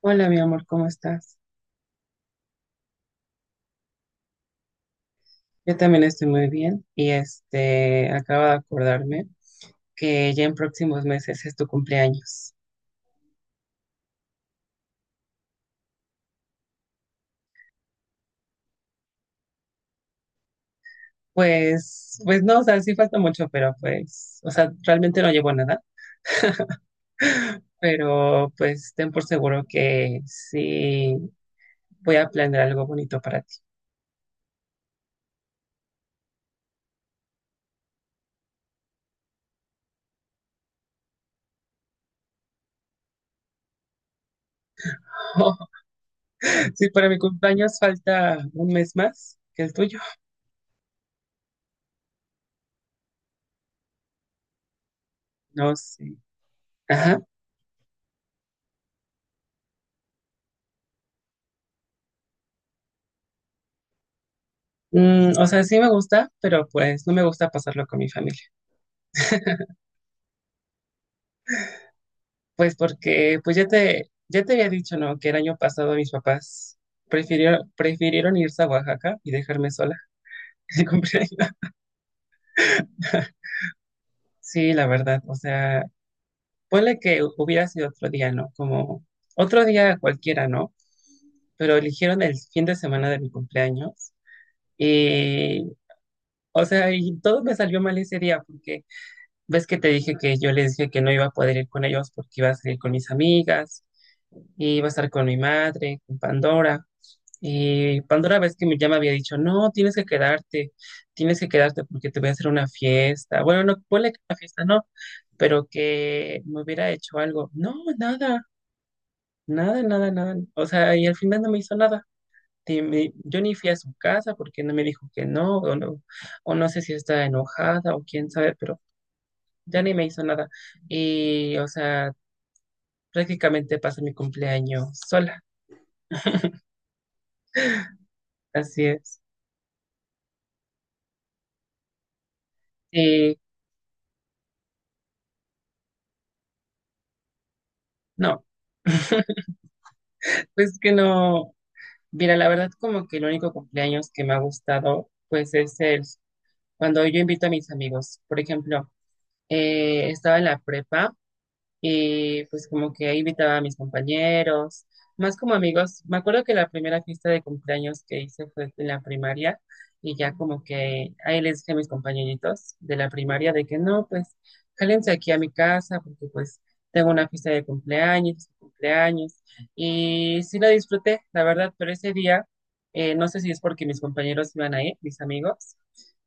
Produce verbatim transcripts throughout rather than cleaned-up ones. Hola, mi amor, ¿cómo estás? Yo también estoy muy bien y este, acabo de acordarme que ya en próximos meses es tu cumpleaños. Pues, pues no, o sea, sí falta mucho, pero pues, o sea, realmente no llevo nada, pero pues ten por seguro que sí voy a planear algo bonito para ti. Sí, para mi cumpleaños falta un mes más que el tuyo. No sé. Ajá. Mm, o sea, sí me gusta, pero pues no me gusta pasarlo con mi familia. Pues porque, pues ya te, ya te había dicho, ¿no? Que el año pasado mis papás prefirieron, prefirieron irse a Oaxaca y dejarme sola el cumpleaños. Sí, la verdad, o sea, ponle que hubiera sido otro día, ¿no? Como otro día cualquiera, ¿no? Pero eligieron el fin de semana de mi cumpleaños y, o sea, y todo me salió mal ese día porque ves que te dije que yo les dije que no iba a poder ir con ellos porque iba a salir con mis amigas, y iba a estar con mi madre, con Pandora. Y Pandora ves que mi- ya me había dicho, no, tienes que quedarte, tienes que quedarte porque te voy a hacer una fiesta. Bueno, no, ponle que una fiesta, no, pero que me hubiera hecho algo. No, nada, nada, nada, nada. O sea, y al final no me hizo nada. Y me- yo ni fui a su casa porque no me dijo que no, o no, o no sé si está enojada o quién sabe, pero ya ni me hizo nada. Y, o sea, prácticamente pasé mi cumpleaños sola, así es. Y no, pues que no. Mira, la verdad como que el único cumpleaños que me ha gustado pues es el cuando yo invito a mis amigos. Por ejemplo, eh, estaba en la prepa y pues como que ahí invitaba a mis compañeros, más como amigos. Me acuerdo que la primera fiesta de cumpleaños que hice fue en la primaria y ya como que ahí les dije a mis compañeritos de la primaria de que no, pues jálense aquí a mi casa porque pues tengo una fiesta de cumpleaños, cumpleaños y sí la disfruté, la verdad, pero ese día, eh, no sé si es porque mis compañeros iban a ir, mis amigos.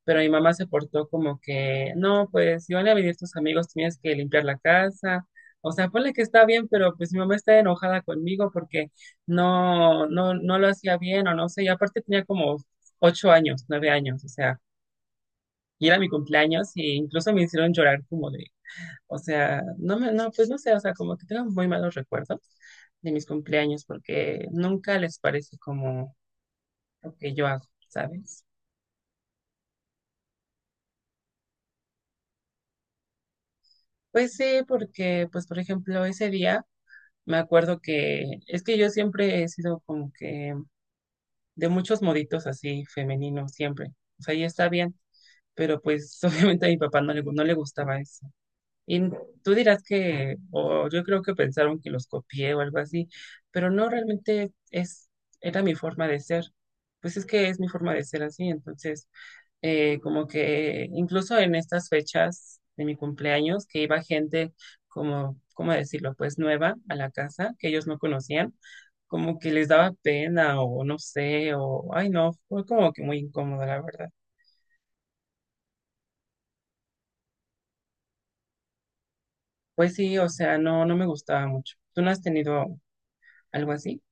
Pero mi mamá se portó como que, no, pues si van a venir tus amigos, tienes que limpiar la casa, o sea, ponle que está bien, pero pues mi mamá está enojada conmigo porque no, no, no lo hacía bien o no sé. Y aparte tenía como ocho años, nueve años, o sea, y era mi cumpleaños y incluso me hicieron llorar como de, o sea, no me, no, pues no sé, o sea, como que tengo muy malos recuerdos de mis cumpleaños porque nunca les parece como lo que yo hago, ¿sabes? Pues sí, porque, pues por ejemplo, ese día me acuerdo que es que yo siempre he sido como que de muchos moditos así femeninos siempre. O sea, y está bien, pero pues obviamente a mi papá no le, no le gustaba eso. Y tú dirás que, o yo creo que pensaron que los copié o algo así, pero no realmente es, era mi forma de ser. Pues es que es mi forma de ser así, entonces eh, como que incluso en estas fechas de mi cumpleaños, que iba gente como, ¿cómo decirlo? Pues nueva a la casa, que ellos no conocían, como que les daba pena o no sé, o, ay no, fue como que muy incómodo, la verdad. Pues sí, o sea, no, no me gustaba mucho. ¿Tú no has tenido algo así?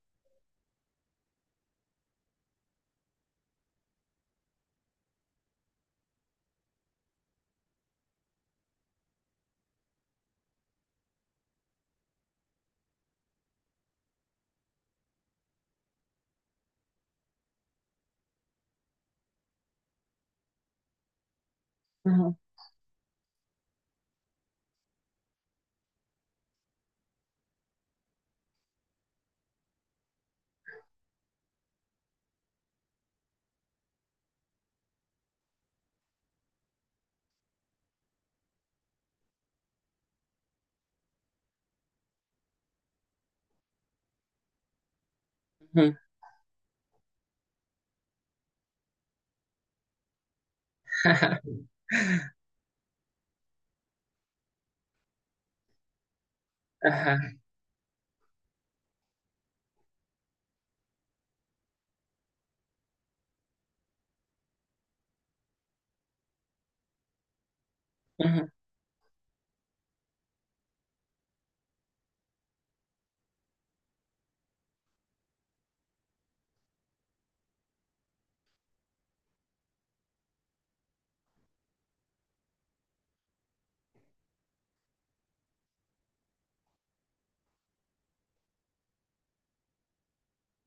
Ujú, ujú. Ajá, ujú,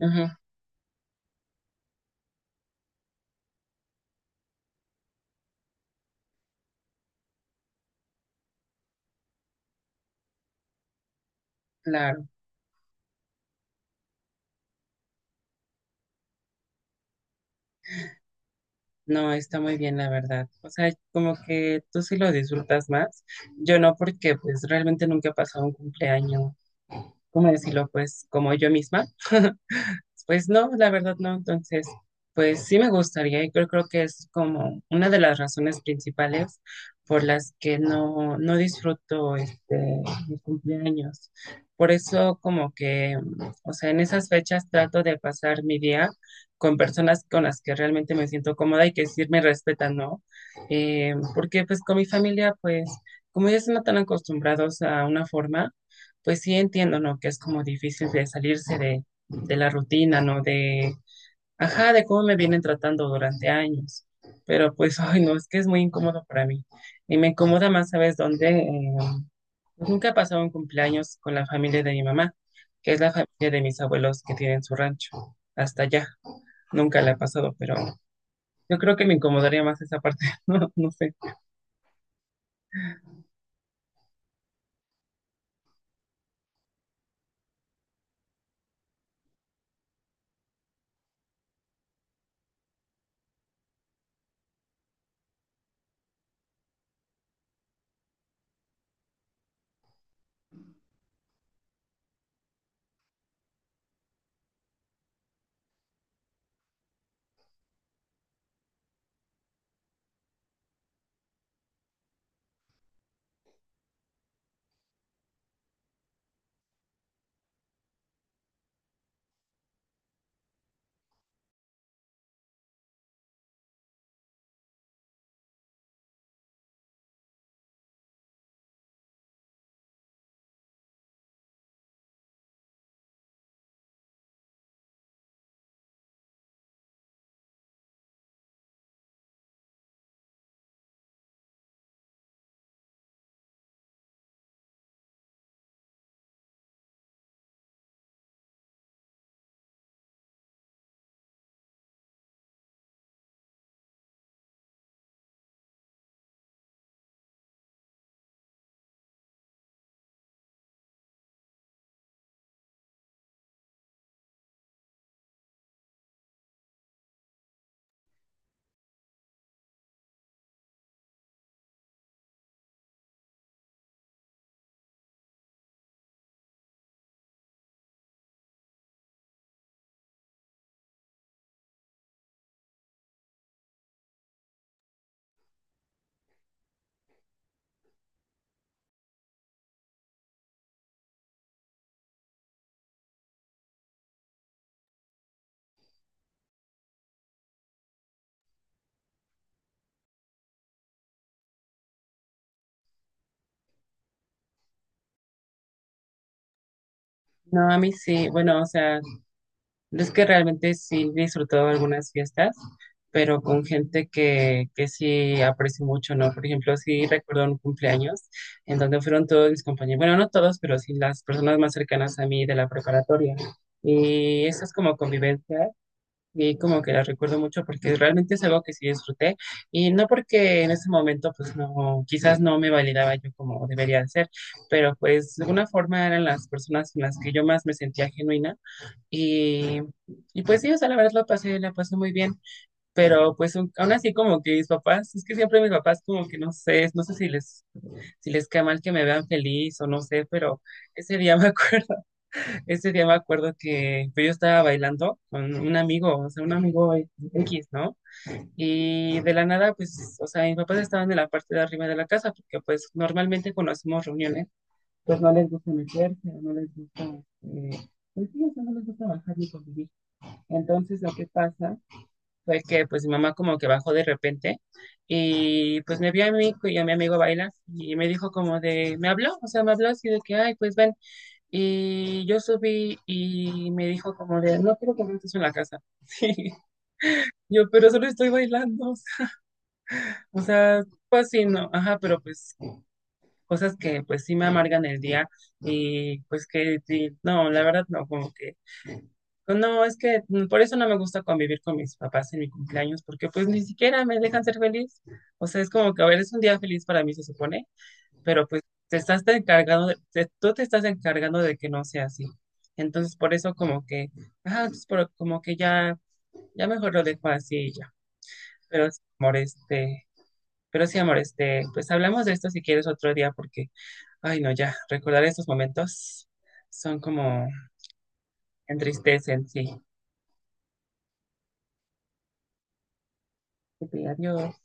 ujú, claro. No, está muy bien, la verdad. O sea, como que tú sí lo disfrutas más. Yo no, porque pues realmente nunca he pasado un cumpleaños, ¿cómo decirlo? Pues como yo misma. Pues no, la verdad no. Entonces, pues sí me gustaría y creo, creo que es como una de las razones principales por las que no, no disfruto este, mi cumpleaños. Por eso como que, mm, o sea, en esas fechas trato de pasar mi día con personas con las que realmente me siento cómoda y que sí me respetan, ¿no? Eh, porque pues con mi familia, pues como ya están tan acostumbrados a una forma, pues sí entiendo, ¿no? Que es como difícil de salirse de de la rutina, ¿no? De, ajá, de cómo me vienen tratando durante años. Pero pues, ay, no, es que es muy incómodo para mí. Y me incomoda más, ¿sabes dónde? Eh, pues, nunca he pasado un cumpleaños con la familia de mi mamá, que es la familia de mis abuelos que tienen su rancho. Hasta allá, nunca la he pasado, pero yo creo que me incomodaría más esa parte, no, no sé. No, a mí sí, bueno, o sea, es que realmente sí he disfrutado algunas fiestas, pero con gente que, que sí aprecio mucho, ¿no? Por ejemplo, sí recuerdo un cumpleaños en donde fueron todos mis compañeros, bueno, no todos, pero sí las personas más cercanas a mí de la preparatoria. Y eso es como convivencia y como que la recuerdo mucho porque realmente es algo que sí disfruté y no porque en ese momento pues no, quizás no me validaba yo como debería de ser, pero pues de alguna forma eran las personas con las que yo más me sentía genuina y, y pues sí, o sea, la verdad la pasé, la pasé muy bien, pero pues un- aún así como que mis papás, es que siempre mis papás como que no sé, no sé si les, si les cae mal que me vean feliz o no sé, pero ese día me acuerdo, ese día me acuerdo que pues, yo estaba bailando con un amigo, o sea, un amigo X, ¿no? Y de la nada, pues, o sea, mis papás estaban en la parte de arriba de la casa, porque pues normalmente cuando hacemos reuniones, pues no les gusta meterse, o no les gusta... eh, pues sí, o sea, no les gusta bajar ni convivir. Entonces lo que pasa fue que pues mi mamá como que bajó de repente y pues me vio a mí y a mi amigo bailar y me dijo como de, me habló, o sea, me habló así de que, ay, pues ven. Y yo subí y me dijo como de, no quiero que me estés en la casa. Sí, yo, pero solo estoy bailando. O sea, pues sí, no, ajá, pero pues cosas que pues sí me amargan el día y pues que, sí, no, la verdad no, como que no, es que mm, por eso no me gusta convivir con mis papás en mi cumpleaños, porque pues ni siquiera me dejan ser feliz. O sea, es como que, a ver, es un día feliz para mí, se supone, pero pues te estás te encargando, de- te- tú te estás encargando de que no sea así. Entonces, por eso como que, ah, pues por- como que ya, ya mejor lo dejo así y ya. Pero sí, amor, este, pero sí, amor, este, pues hablamos de esto si quieres otro día, porque, ay, no, ya, recordar estos momentos son como entristecen, sí. Ok, adiós.